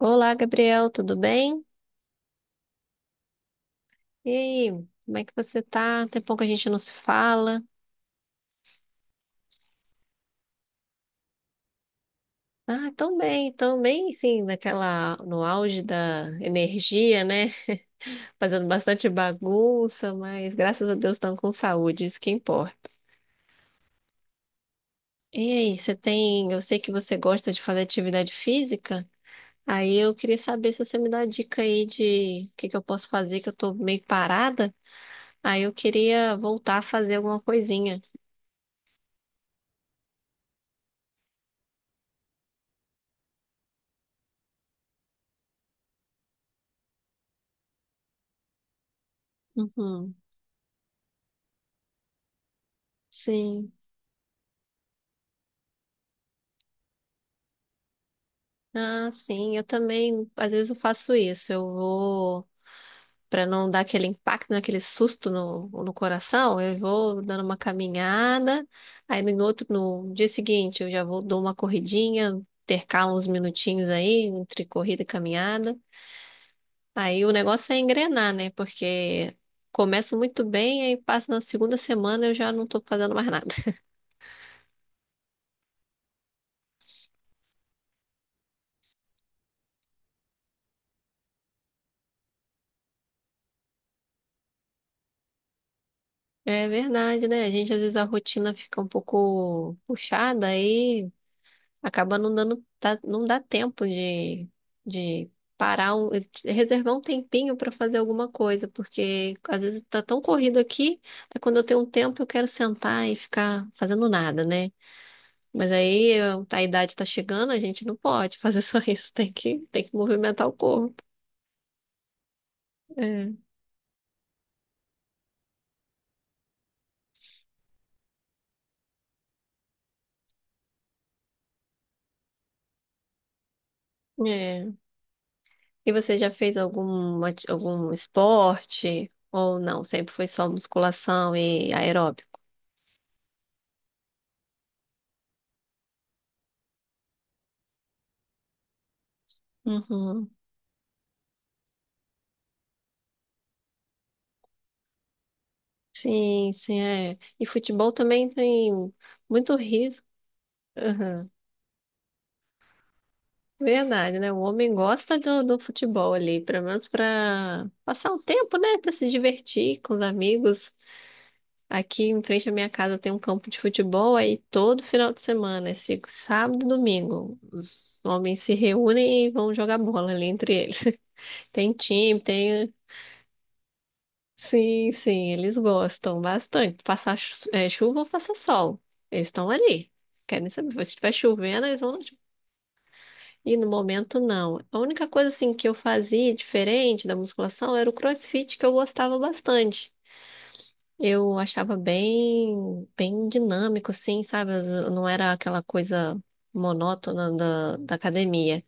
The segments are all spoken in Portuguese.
Olá, Gabriel, tudo bem? E aí, como é que você tá? Tem pouco que a gente não se fala. Ah, tão bem, sim, naquela, no auge da energia, né? Fazendo bastante bagunça, mas graças a Deus estão com saúde, isso que importa. E aí, você tem, eu sei que você gosta de fazer atividade física, aí eu queria saber se você me dá dica aí de o que que eu posso fazer, que eu tô meio parada, aí eu queria voltar a fazer alguma coisinha. Uhum. Sim. Ah, sim, eu também, às vezes eu faço isso. Eu vou, para não dar aquele impacto, né, aquele susto no coração, eu vou dando uma caminhada. Aí no outro, no dia seguinte, eu já vou dou uma corridinha, intercalo uns minutinhos aí entre corrida e caminhada. Aí o negócio é engrenar, né? Porque começa muito bem, aí passa na segunda semana eu já não tô fazendo mais nada. É verdade, né? A gente às vezes a rotina fica um pouco puxada aí acaba não dando, não dá tempo de parar reservar um tempinho para fazer alguma coisa, porque às vezes tá tão corrido aqui, é quando eu tenho um tempo eu quero sentar e ficar fazendo nada, né? Mas tá, a idade tá chegando, a gente não pode fazer só isso, tem que movimentar o corpo. É. É. E você já fez algum esporte? Ou não? Sempre foi só musculação e aeróbico? Uhum. Sim, sim, é. E futebol também tem muito risco. Aham. Verdade, né? O homem gosta do futebol ali, pelo menos para passar o tempo, né? Para se divertir com os amigos. Aqui em frente à minha casa tem um campo de futebol, aí todo final de semana, esse sábado e domingo, os homens se reúnem e vão jogar bola ali entre eles. Tem time, tem. Sim, sim, eles gostam bastante. Passar chuva ou passar sol. Eles estão ali. Querem saber. Se estiver chovendo, eles vão. E no momento, não. A única coisa assim que eu fazia diferente da musculação era o CrossFit, que eu gostava bastante. Eu achava bem, bem dinâmico, assim, sabe? Eu não era aquela coisa monótona da academia,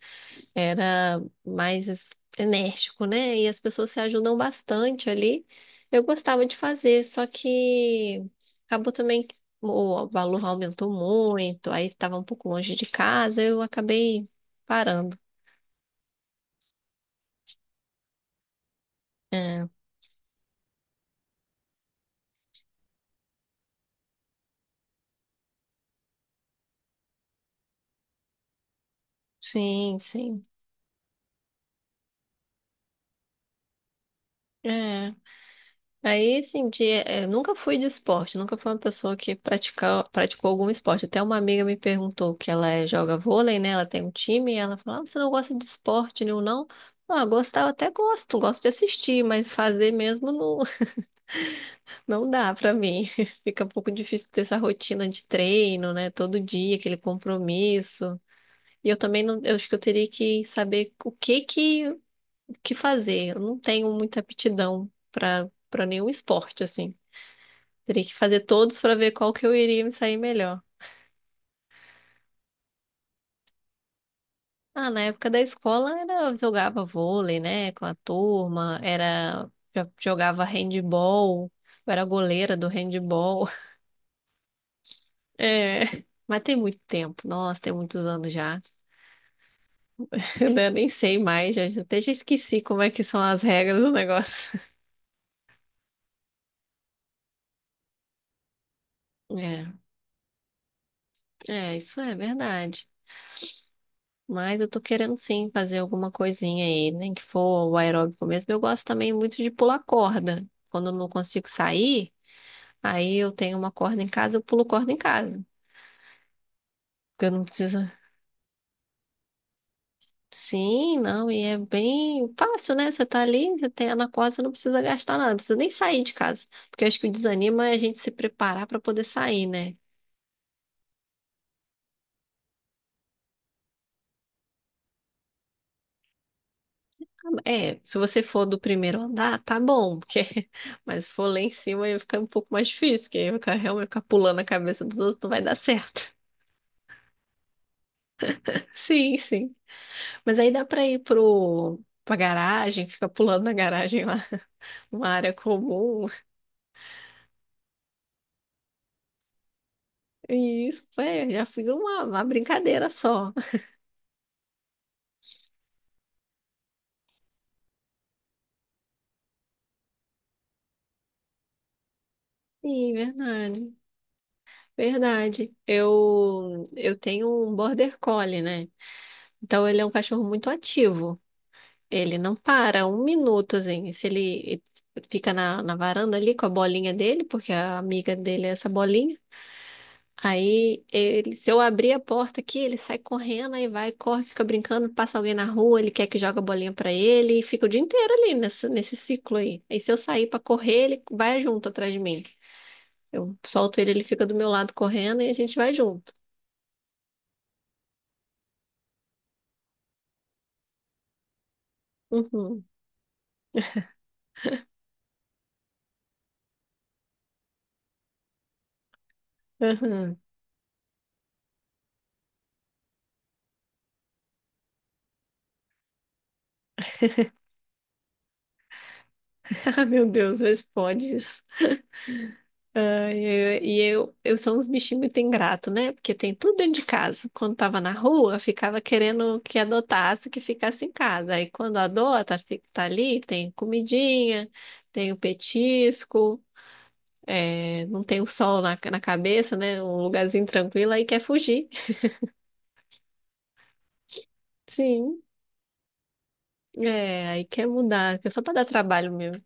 era mais enérgico, né? E as pessoas se ajudam bastante ali. Eu gostava de fazer, só que acabou também que o valor aumentou muito, aí estava um pouco longe de casa, eu acabei parando. É, sim, sim. É. Aí, assim, nunca fui de esporte, nunca fui uma pessoa que praticou algum esporte. Até uma amiga me perguntou que joga vôlei, né? Ela tem um time, e ela falou, ah, você não gosta de esporte nenhum, não? Ah, gostar eu até gosto, gosto de assistir, mas fazer mesmo não, não dá pra mim. Fica um pouco difícil ter essa rotina de treino, né? Todo dia, aquele compromisso. E eu também não, eu acho que eu teria que saber o que fazer. Eu não tenho muita aptidão pra para nenhum esporte, assim. Teria que fazer todos para ver qual que eu iria me sair melhor. Ah, na época da escola era, eu jogava vôlei, né, com a turma, era jogava handball, eu era goleira do handball. É, mas tem muito tempo, nossa, tem muitos anos já. Eu nem sei mais, já, até já esqueci como é que são as regras do negócio. É, é, isso é verdade. Mas eu tô querendo sim fazer alguma coisinha aí, nem que for o aeróbico mesmo. Eu gosto também muito de pular corda. Quando eu não consigo sair, aí eu tenho uma corda em casa, eu pulo corda em casa. Porque eu não preciso. Sim, não, e é bem fácil, né? Você tá ali, você tem a na corda, você não precisa gastar nada, não precisa nem sair de casa. Porque eu acho que o desanima é a gente se preparar pra poder sair, né? É, se você for do primeiro andar, tá bom, porque mas se for lá em cima aí fica um pouco mais difícil, porque aí ficar pulando a cabeça dos outros não vai dar certo. Sim, sim. Mas aí dá pra ir pro pra garagem, fica pulando na garagem lá, uma área comum. Isso, é, já fui uma brincadeira só. Sim, verdade. Verdade. Eu tenho um Border Collie, né? Então ele é um cachorro muito ativo. Ele não para um minuto, assim. Se ele fica na varanda ali com a bolinha dele, porque a amiga dele é essa bolinha. Aí, ele, se eu abrir a porta aqui, ele sai correndo, aí vai, corre, fica brincando, passa alguém na rua, ele quer que joga a bolinha pra ele, e fica o dia inteiro ali nesse ciclo aí. Aí, se eu sair pra correr, ele vai junto atrás de mim. Eu solto ele, ele fica do meu lado correndo e a gente vai junto. Uhum, uhum. Ah, meu Deus, vê se Ah, e eu sou uns bichinhos muito ingrato, né? Porque tem tudo dentro de casa. Quando tava na rua, ficava querendo que adotasse, que ficasse em casa. Aí quando adota, fica, tá ali, tem comidinha, tem o petisco, é, não tem o sol na cabeça, né? Um lugarzinho tranquilo, aí quer fugir. Sim, é, aí quer mudar, que é só pra dar trabalho mesmo.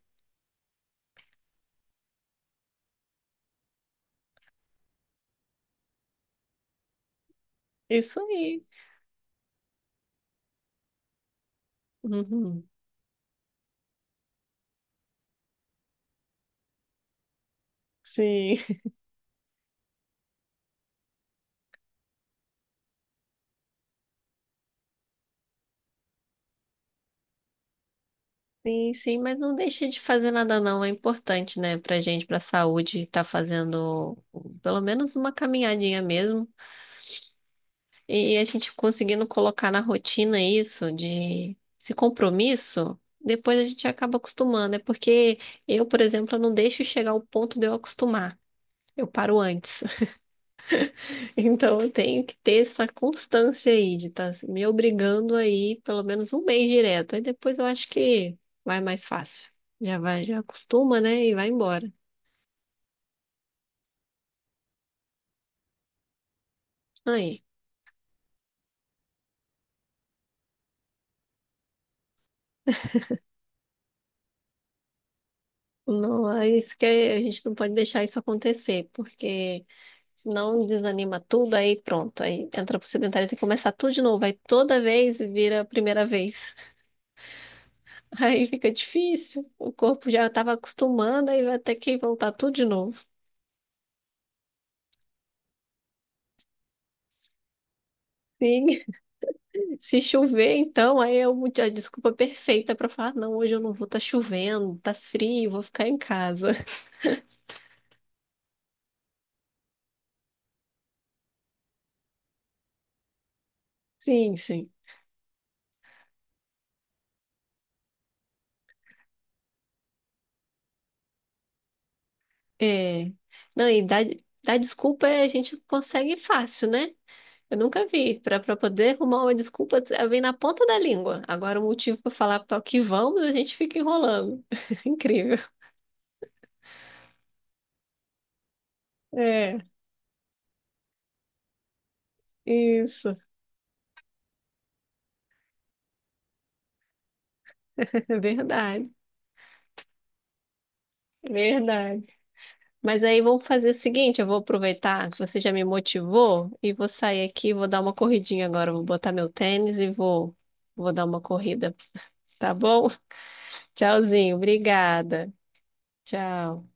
Isso aí. Uhum, sim. Sim, sim, mas não deixa de fazer nada não, é importante, né, pra gente, pra saúde, tá fazendo pelo menos uma caminhadinha mesmo. E a gente conseguindo colocar na rotina isso de esse compromisso, depois a gente acaba acostumando. É porque eu, por exemplo, eu não deixo chegar ao ponto de eu acostumar. Eu paro antes. Então eu tenho que ter essa constância aí de estar me obrigando aí pelo menos um mês direto. Aí depois eu acho que vai mais fácil. Já vai, já acostuma, né? E vai embora. Aí, não, é isso que a gente não pode deixar isso acontecer, porque senão desanima tudo, aí pronto. Aí entra pro sedentário, tem que começar tudo de novo. Aí toda vez vira a primeira vez. Aí fica difícil. O corpo já estava acostumando, aí vai ter que voltar tudo de novo. Sim. Se chover, então, aí é a desculpa perfeita para falar, "Ah, não, hoje eu não vou, tá chovendo, tá frio, vou ficar em casa." Sim, sim. É. Não, e dar desculpa a gente consegue fácil, né? Eu nunca vi. Para poder arrumar uma desculpa, vem na ponta da língua. Agora, o motivo para falar para o que vamos, a gente fica enrolando. Incrível. É, isso. É verdade. É verdade. Mas aí vamos fazer o seguinte, eu vou aproveitar que você já me motivou e vou sair aqui, vou dar uma corridinha agora, vou botar meu tênis e vou dar uma corrida, tá bom? Tchauzinho, obrigada. Tchau.